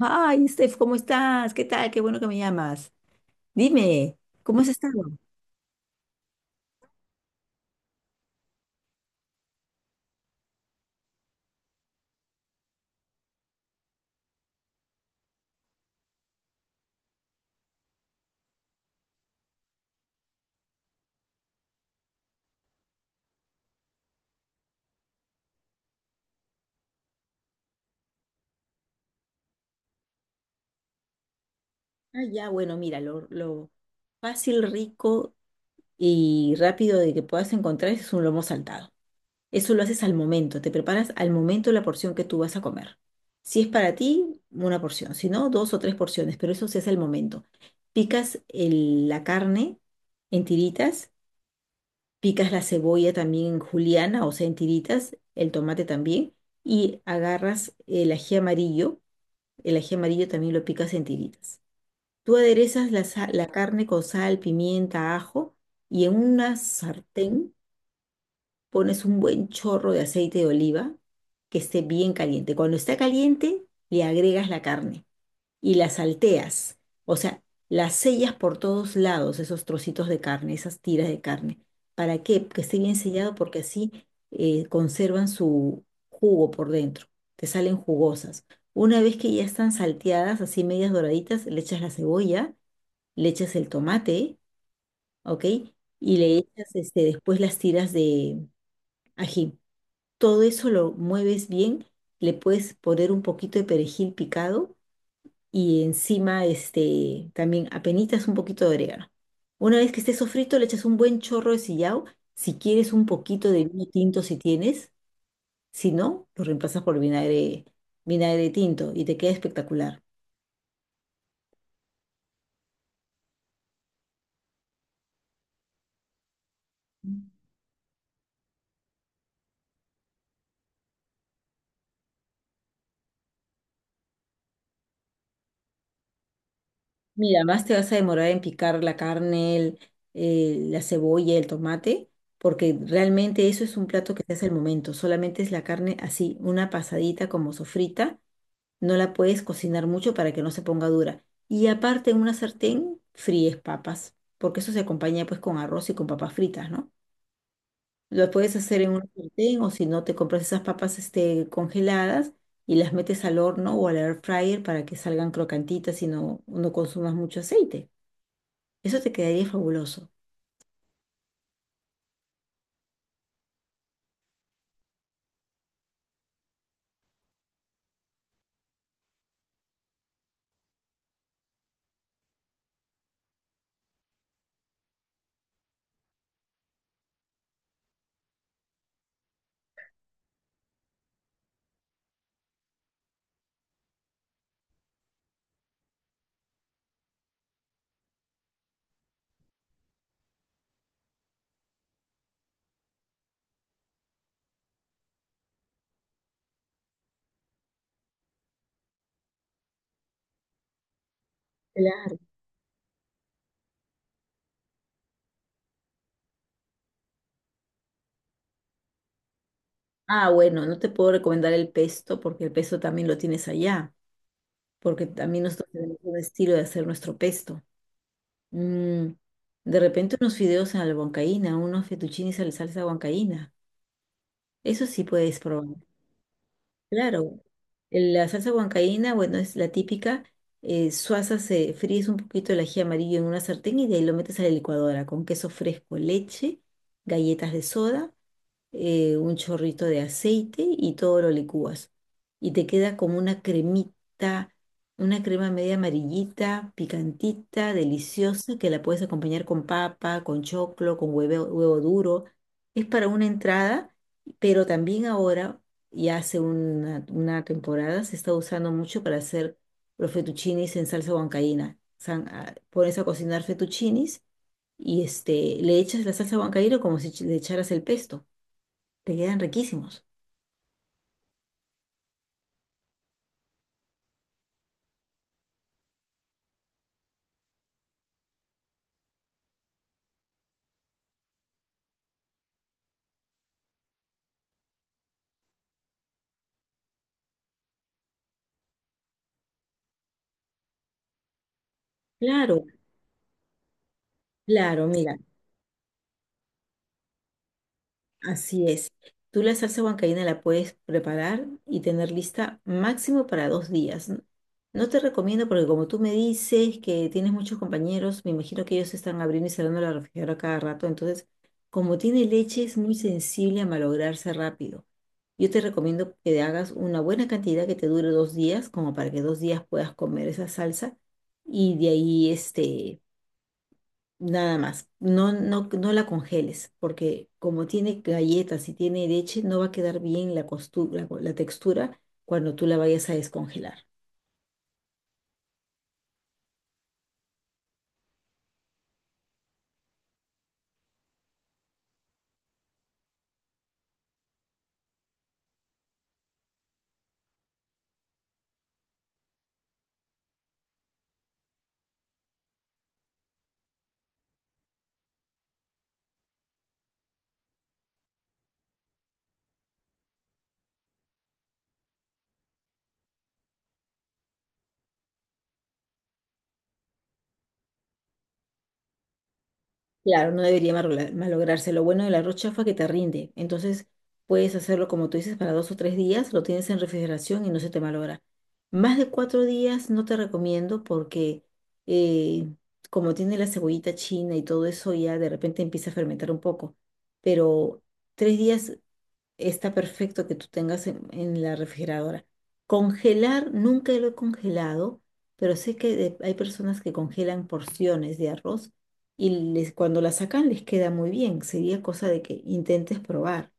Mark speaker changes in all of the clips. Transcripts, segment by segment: Speaker 1: Ay, Steph, ¿cómo estás? ¿Qué tal? Qué bueno que me llamas. Dime, ¿cómo has estado? Ah, ya, bueno, mira, lo fácil, rico y rápido de que puedas encontrar es un lomo saltado. Eso lo haces al momento, te preparas al momento la porción que tú vas a comer. Si es para ti, una porción, si no, dos o tres porciones, pero eso se hace al momento. Picas la carne en tiritas. Picas la cebolla también en juliana, o sea, en tiritas, el tomate también, y agarras el ají amarillo también lo picas en tiritas. Tú aderezas la carne con sal, pimienta, ajo, y en una sartén pones un buen chorro de aceite de oliva que esté bien caliente. Cuando está caliente, le agregas la carne y las salteas, o sea, las sellas por todos lados, esos trocitos de carne, esas tiras de carne. ¿Para qué? Que esté bien sellado porque así conservan su jugo por dentro, te salen jugosas. Una vez que ya están salteadas, así medias doraditas, le echas la cebolla, le echas el tomate, ¿ok? Y le echas este, después las tiras de ají. Todo eso lo mueves bien, le puedes poner un poquito de perejil picado y encima este, también apenitas un poquito de orégano. Una vez que esté sofrito, le echas un buen chorro de sillao. Si quieres un poquito de vino tinto, si tienes, si no, lo reemplazas por vinagre, vinagre tinto y te queda espectacular. Mira, más te vas a demorar en picar la carne, la cebolla, el tomate, porque realmente eso es un plato que se hace al momento. Solamente es la carne así, una pasadita como sofrita. No la puedes cocinar mucho para que no se ponga dura. Y aparte en una sartén fríes papas, porque eso se acompaña pues con arroz y con papas fritas, ¿no? Lo puedes hacer en una sartén o si no te compras esas papas este, congeladas y las metes al horno o al air fryer para que salgan crocantitas y no, no consumas mucho aceite. Eso te quedaría fabuloso. Claro. Ah, bueno, no te puedo recomendar el pesto porque el pesto también lo tienes allá, porque también nosotros tenemos un estilo de hacer nuestro pesto. Mm, de repente unos fideos a la huancaína, unos fettuccines a la salsa huancaína. Eso sí puedes probar. Claro, la salsa huancaína, bueno, es la típica. Suaza se fríes un poquito el ají amarillo en una sartén y de ahí lo metes a la licuadora con queso fresco, leche, galletas de soda, un chorrito de aceite y todo lo licúas. Y te queda como una cremita, una crema media amarillita, picantita, deliciosa, que la puedes acompañar con papa, con choclo, con huevo, huevo duro. Es para una entrada, pero también ahora, y hace una temporada, se está usando mucho para hacer los fettuccinis en salsa huancaína. Pones a cocinar fettuccinis y este, le echas la salsa huancaína como si le echaras el pesto. Te quedan riquísimos. Claro, claro, mira, así es. Tú la salsa huancaína la puedes preparar y tener lista máximo para 2 días. No te recomiendo porque como tú me dices que tienes muchos compañeros, me imagino que ellos están abriendo y cerrando la refrigeradora cada rato. Entonces, como tiene leche, es muy sensible a malograrse rápido. Yo te recomiendo que te hagas una buena cantidad que te dure 2 días, como para que 2 días puedas comer esa salsa y de ahí este nada más. No, no, no la congeles, porque como tiene galletas y tiene leche, no va a quedar bien la textura cuando tú la vayas a descongelar. Claro, no debería malograrse. Lo bueno del arroz chafa es que te rinde. Entonces puedes hacerlo como tú dices para 2 o 3 días, lo tienes en refrigeración y no se te malogra. Más de 4 días no te recomiendo porque eh, como tiene la cebollita china y todo eso, ya de repente empieza a fermentar un poco. Pero 3 días está perfecto que tú tengas en la refrigeradora. Congelar, nunca lo he congelado, pero sé que hay personas que congelan porciones de arroz y cuando la sacan les queda muy bien. Sería cosa de que intentes probar.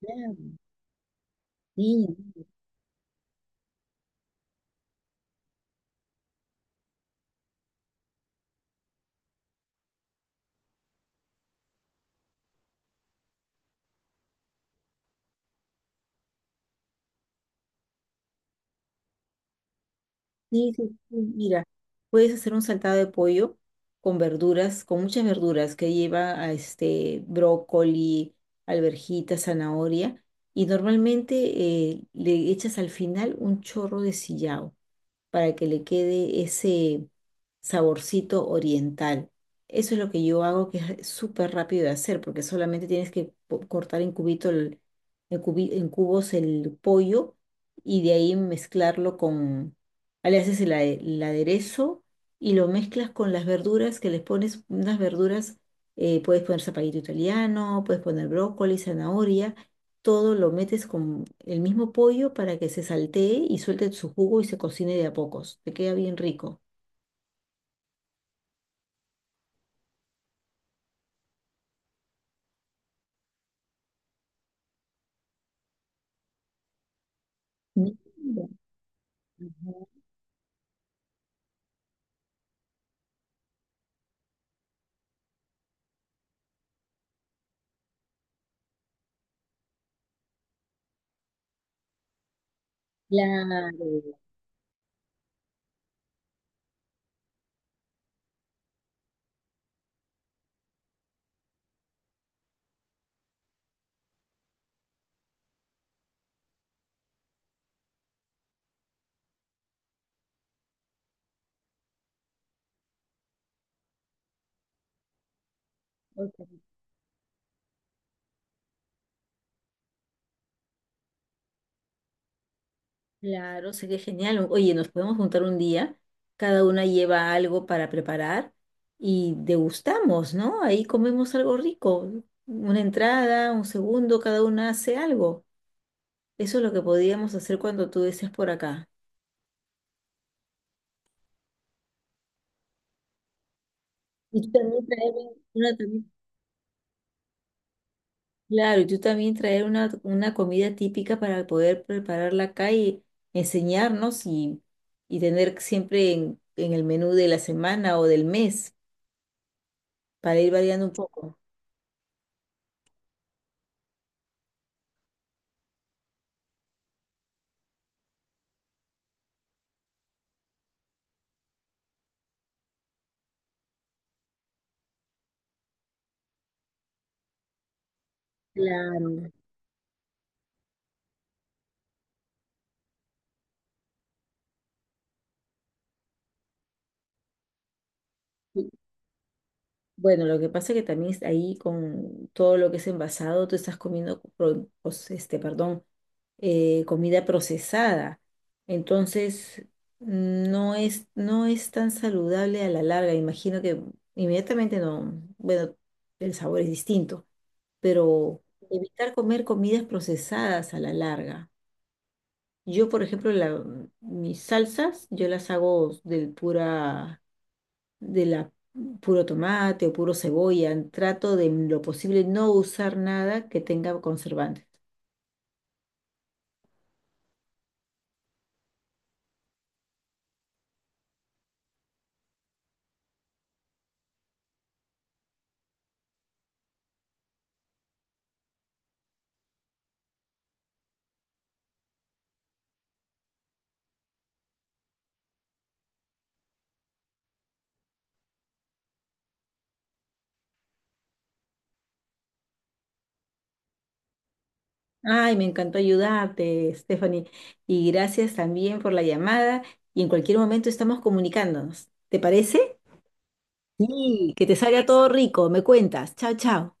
Speaker 1: Claro, sí, sí, sí, sí, mira, puedes hacer un saltado de pollo con verduras, con muchas verduras que lleva a este brócoli, alverjita, zanahoria, y normalmente le echas al final un chorro de sillao para que le quede ese saborcito oriental. Eso es lo que yo hago, que es súper rápido de hacer, porque solamente tienes que cortar en cubito en cubos el pollo y de ahí mezclarlo con, le haces el aderezo y lo mezclas con las verduras, que les pones unas verduras, puedes poner zapallito italiano, puedes poner brócoli, zanahoria, todo lo metes con el mismo pollo para que se saltee y suelte su jugo y se cocine de a pocos. Te queda bien rico. Mira, ajá, claro, ok, claro, sé que genial. Oye, nos podemos juntar un día, cada una lleva algo para preparar y degustamos, ¿no? Ahí comemos algo rico, una entrada, un segundo, cada una hace algo. Eso es lo que podíamos hacer cuando tú estés por acá. Y tú también traes una. Claro, y tú también traer una comida típica para poder prepararla acá y enseñarnos y tener siempre en el menú de la semana o del mes para ir variando un poco. Claro. Sí. Bueno, lo que pasa es que también es ahí con todo lo que es envasado, tú estás comiendo, pues, este, perdón, comida procesada. Entonces, no es, no es tan saludable a la larga. Imagino que inmediatamente no, bueno, el sabor es distinto, pero evitar comer comidas procesadas a la larga. Yo, por ejemplo, mis salsas, yo las hago de pura, de la puro tomate o puro cebolla. Trato de lo posible no usar nada que tenga conservantes. Ay, me encantó ayudarte, Stephanie. Y gracias también por la llamada. Y en cualquier momento estamos comunicándonos. ¿Te parece? Sí, que te salga todo rico. Me cuentas. Chao, chao.